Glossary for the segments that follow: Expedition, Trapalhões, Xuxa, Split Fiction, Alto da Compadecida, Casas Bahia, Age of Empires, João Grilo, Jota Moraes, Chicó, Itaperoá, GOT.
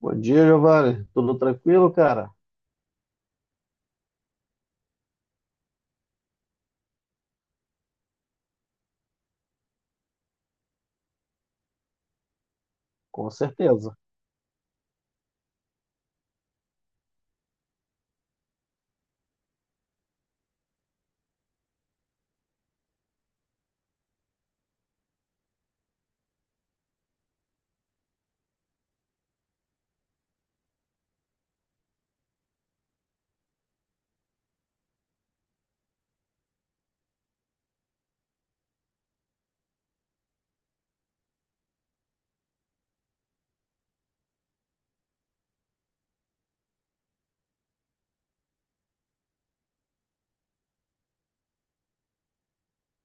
Bom dia, Giovanni. Tudo tranquilo, cara? Com certeza.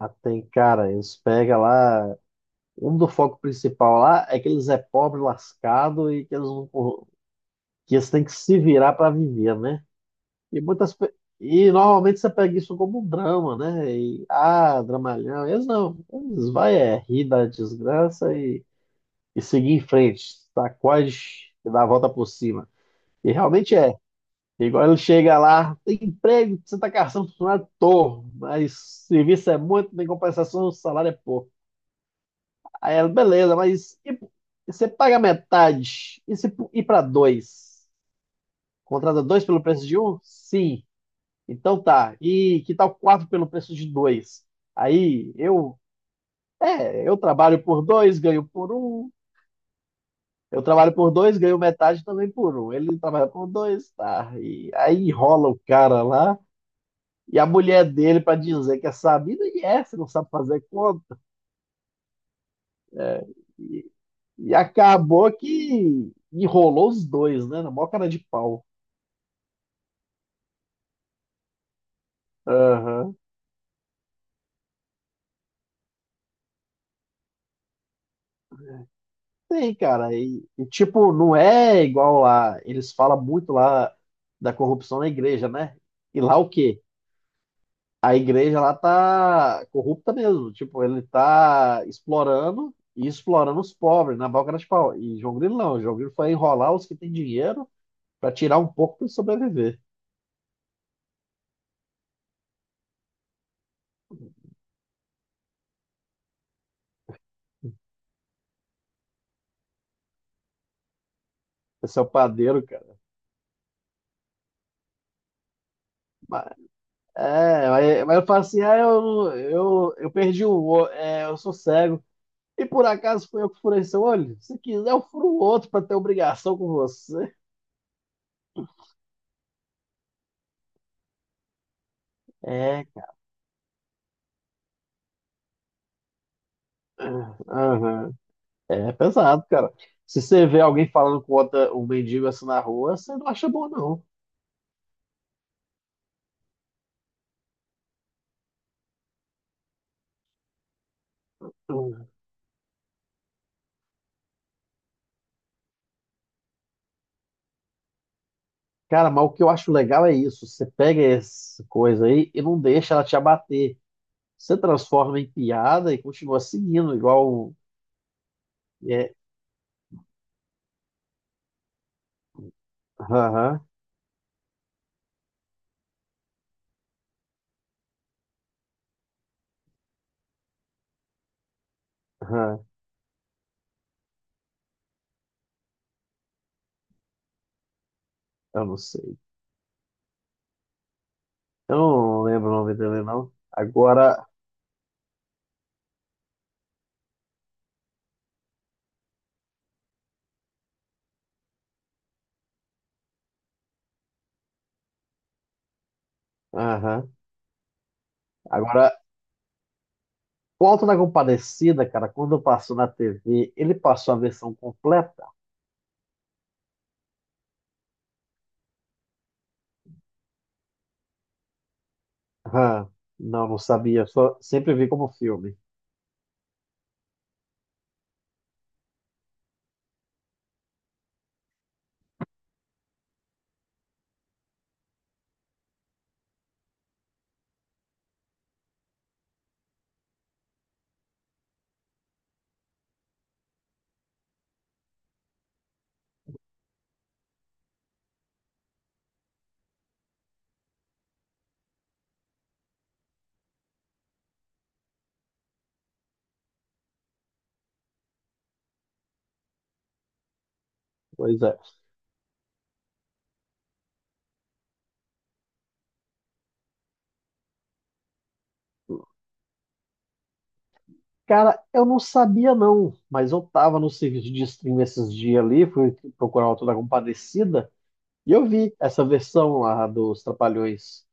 Ah, tem, cara, eles pegam lá. Um do foco principal lá é que eles é pobre, lascado e que eles não, que eles têm que se virar para viver, né? E muitas pe- e normalmente você pega isso como um drama, né? E, ah, dramalhão. Eles não. Eles vai é rir da desgraça e seguir em frente. Sacode e dar a volta por cima. E realmente é. Igual ele chega lá, tem emprego, você tá caçando funcionário, tô, mas serviço é muito, tem compensação, o salário é pouco. Aí ela, beleza, mas e você paga metade, e se ir para dois? Contrata dois pelo preço de um? Sim. Então tá, e que tal quatro pelo preço de dois? Aí eu trabalho por dois, ganho por um, eu trabalho por dois, ganho metade também por um. Ele trabalha por dois, tá, e aí rola o cara lá. E a mulher dele para dizer que é sabido, e é, você não sabe fazer conta. É, e, e acabou que enrolou os dois, né? Na maior cara de pau. Aham. Tem, cara. E, tipo, não é igual lá. Eles falam muito lá da corrupção na igreja, né? E lá o quê? A igreja lá tá corrupta mesmo. Tipo, ele tá explorando e explorando os pobres na maior cara de pau. E João Grilo não. João Grilo foi enrolar os que têm dinheiro para tirar um pouco para sobreviver. Esse é o padeiro, cara. Mas, mas eu falo assim, ah, eu perdi o olho, é, eu sou cego. E por acaso foi eu que furei seu olho? Se quiser, eu furo o outro pra ter obrigação com você. É, cara. Aham. É pesado, cara. Se você vê alguém falando com outra, um mendigo assim na rua, você não acha bom, não. Cara, mas o que eu acho legal é isso. Você pega essa coisa aí e não deixa ela te abater. Você transforma em piada e continua seguindo, igual. É, aham. Aham, eu não sei. Eu não lembro o nome dele, não. Agora, aham. Agora, o Alto da Compadecida, cara, quando passou na TV, ele passou a versão completa? Aham. Não, não sabia. Só sempre vi como filme. Pois é. Cara, eu não sabia, não. Mas eu tava no serviço de stream esses dias ali, fui procurar o Alto da Compadecida, e eu vi essa versão lá dos Trapalhões.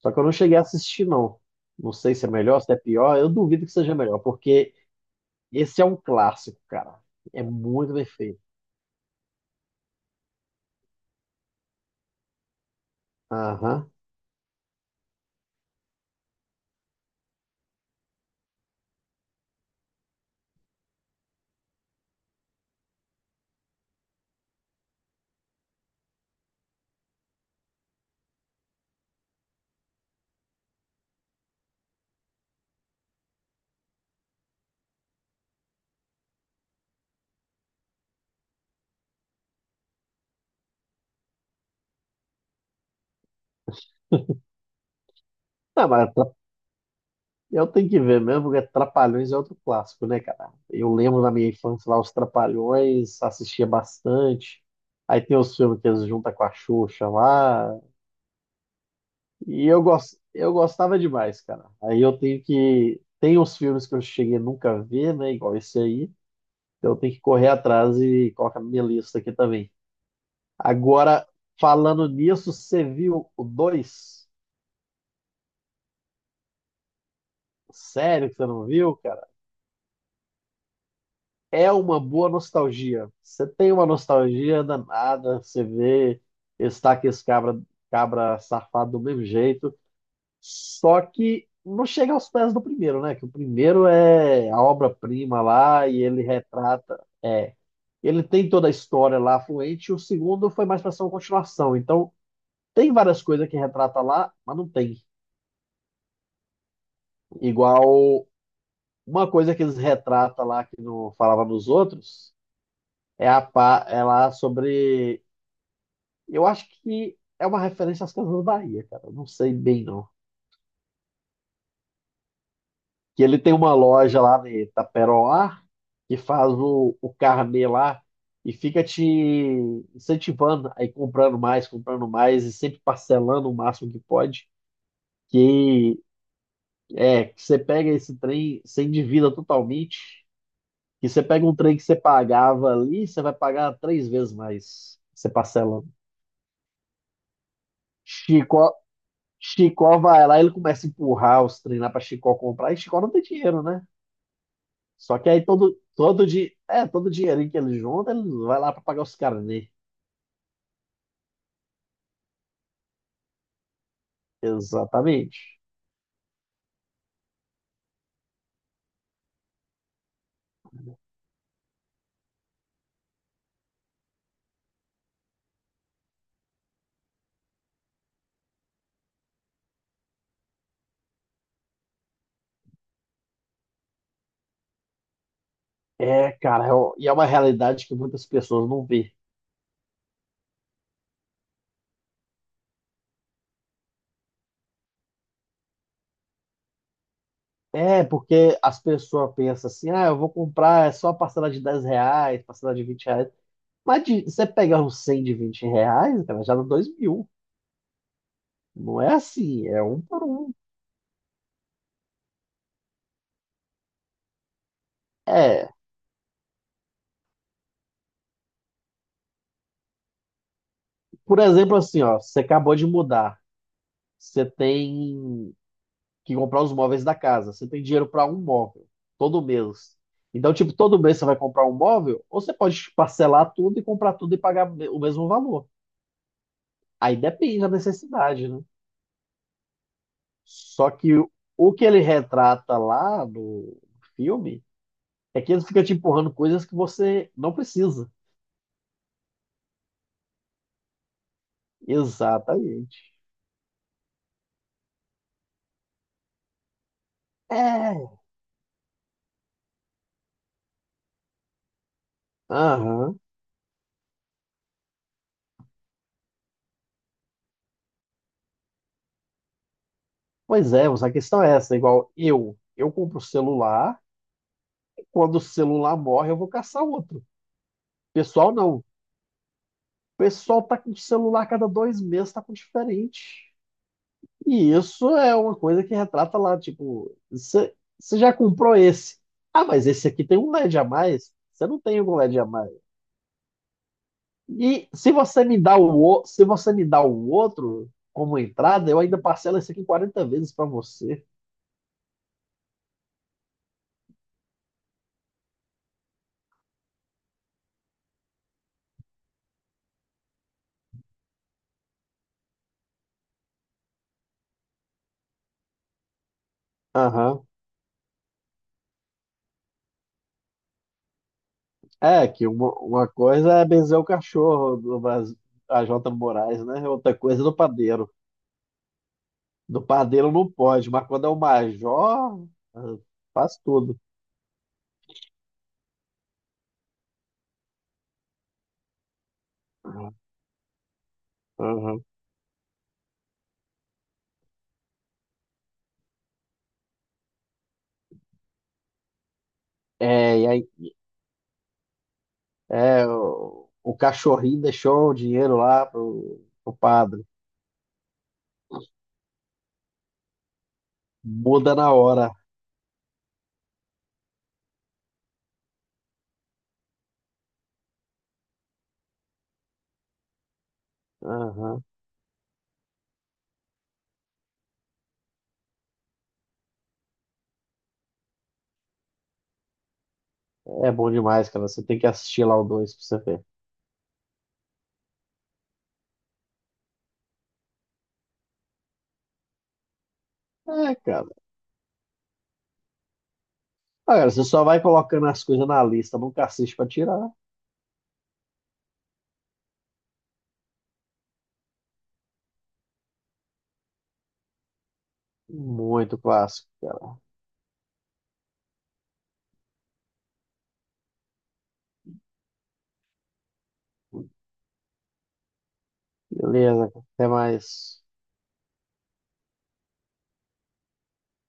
Só que eu não cheguei a assistir, não. Não sei se é melhor, se é pior. Eu duvido que seja melhor, porque esse é um clássico, cara. É muito bem feito. Aham. Não, mas eu tenho que ver mesmo, porque Trapalhões é outro clássico, né, cara? Eu lembro na minha infância lá os Trapalhões, assistia bastante. Aí tem os filmes que eles juntam com a Xuxa lá. E eu gostava demais, cara. Aí eu tenho que. Tem os filmes que eu cheguei a nunca ver, né? Igual esse aí. Então eu tenho que correr atrás e colocar na minha lista aqui também. Agora, falando nisso, você viu o 2? Sério que você não viu, cara? É uma boa nostalgia. Você tem uma nostalgia danada, você vê Estaques cabra, cabra safado do mesmo jeito, só que não chega aos pés do primeiro, né? Que o primeiro é a obra-prima lá e ele retrata. É, ele tem toda a história lá fluente, e o segundo foi mais para ser uma continuação. Então, tem várias coisas que retrata lá, mas não tem. Igual uma coisa que eles retratam lá que não falava nos outros. É a pá, ela sobre. Eu acho que é uma referência às Casas Bahia, cara. Eu não sei bem, não. Que ele tem uma loja lá em Itaperoá que faz o carnê lá e fica te incentivando aí comprando mais e sempre parcelando o máximo que pode. Que é que você pega esse trem, você endivida totalmente. Que você pega um trem que você pagava ali, você vai pagar 3 vezes mais. Você parcelando. Chico, Chicó vai lá, ele começa a empurrar os trem lá pra Chicó comprar, e Chicó não tem dinheiro, né? Só que aí todo dinheirinho que ele junta, ele vai lá pra pagar os caras, né? Exatamente. É, cara, é uma realidade que muitas pessoas não vê. É, porque as pessoas pensam assim, ah, eu vou comprar é só parcela de R$ 10, parcela de R$ 20. Mas de, você pegar um 100 de R$ 20, cara, já dá 2 mil. Não é assim, é um por um. É, por exemplo, assim, ó, você acabou de mudar. Você tem que comprar os móveis da casa. Você tem dinheiro para um móvel todo mês. Então, tipo, todo mês você vai comprar um móvel, ou você pode parcelar tudo e comprar tudo e pagar o mesmo valor. Aí depende da necessidade, né? Só que o que ele retrata lá no filme é que ele fica te empurrando coisas que você não precisa. Exatamente. É. Aham. Pois é, mas a questão é essa, igual eu. Eu compro o celular, quando o celular morre, eu vou caçar outro. Pessoal, não. O pessoal tá com celular cada 2 meses, tá com diferente. E isso é uma coisa que retrata lá, tipo, você já comprou esse. Ah, mas esse aqui tem um LED a mais. Você não tem um LED a mais. E se você me dá o outro como entrada, eu ainda parcelo esse aqui em 40 vezes para você. Aham. É, que uma coisa é benzer o cachorro do Brasil, a Jota Moraes, né? Outra coisa é do padeiro. Do padeiro não pode, mas quando é o major, ah, faz tudo. Aham. É, e aí, o cachorrinho deixou o dinheiro lá pro, padre. Muda na hora. Aham. É bom demais, cara. Você tem que assistir lá o 2 pra você ver. É, cara. Agora você só vai colocando as coisas na lista, nunca assiste pra tirar. Muito clássico, cara. Beleza, cara. Até mais.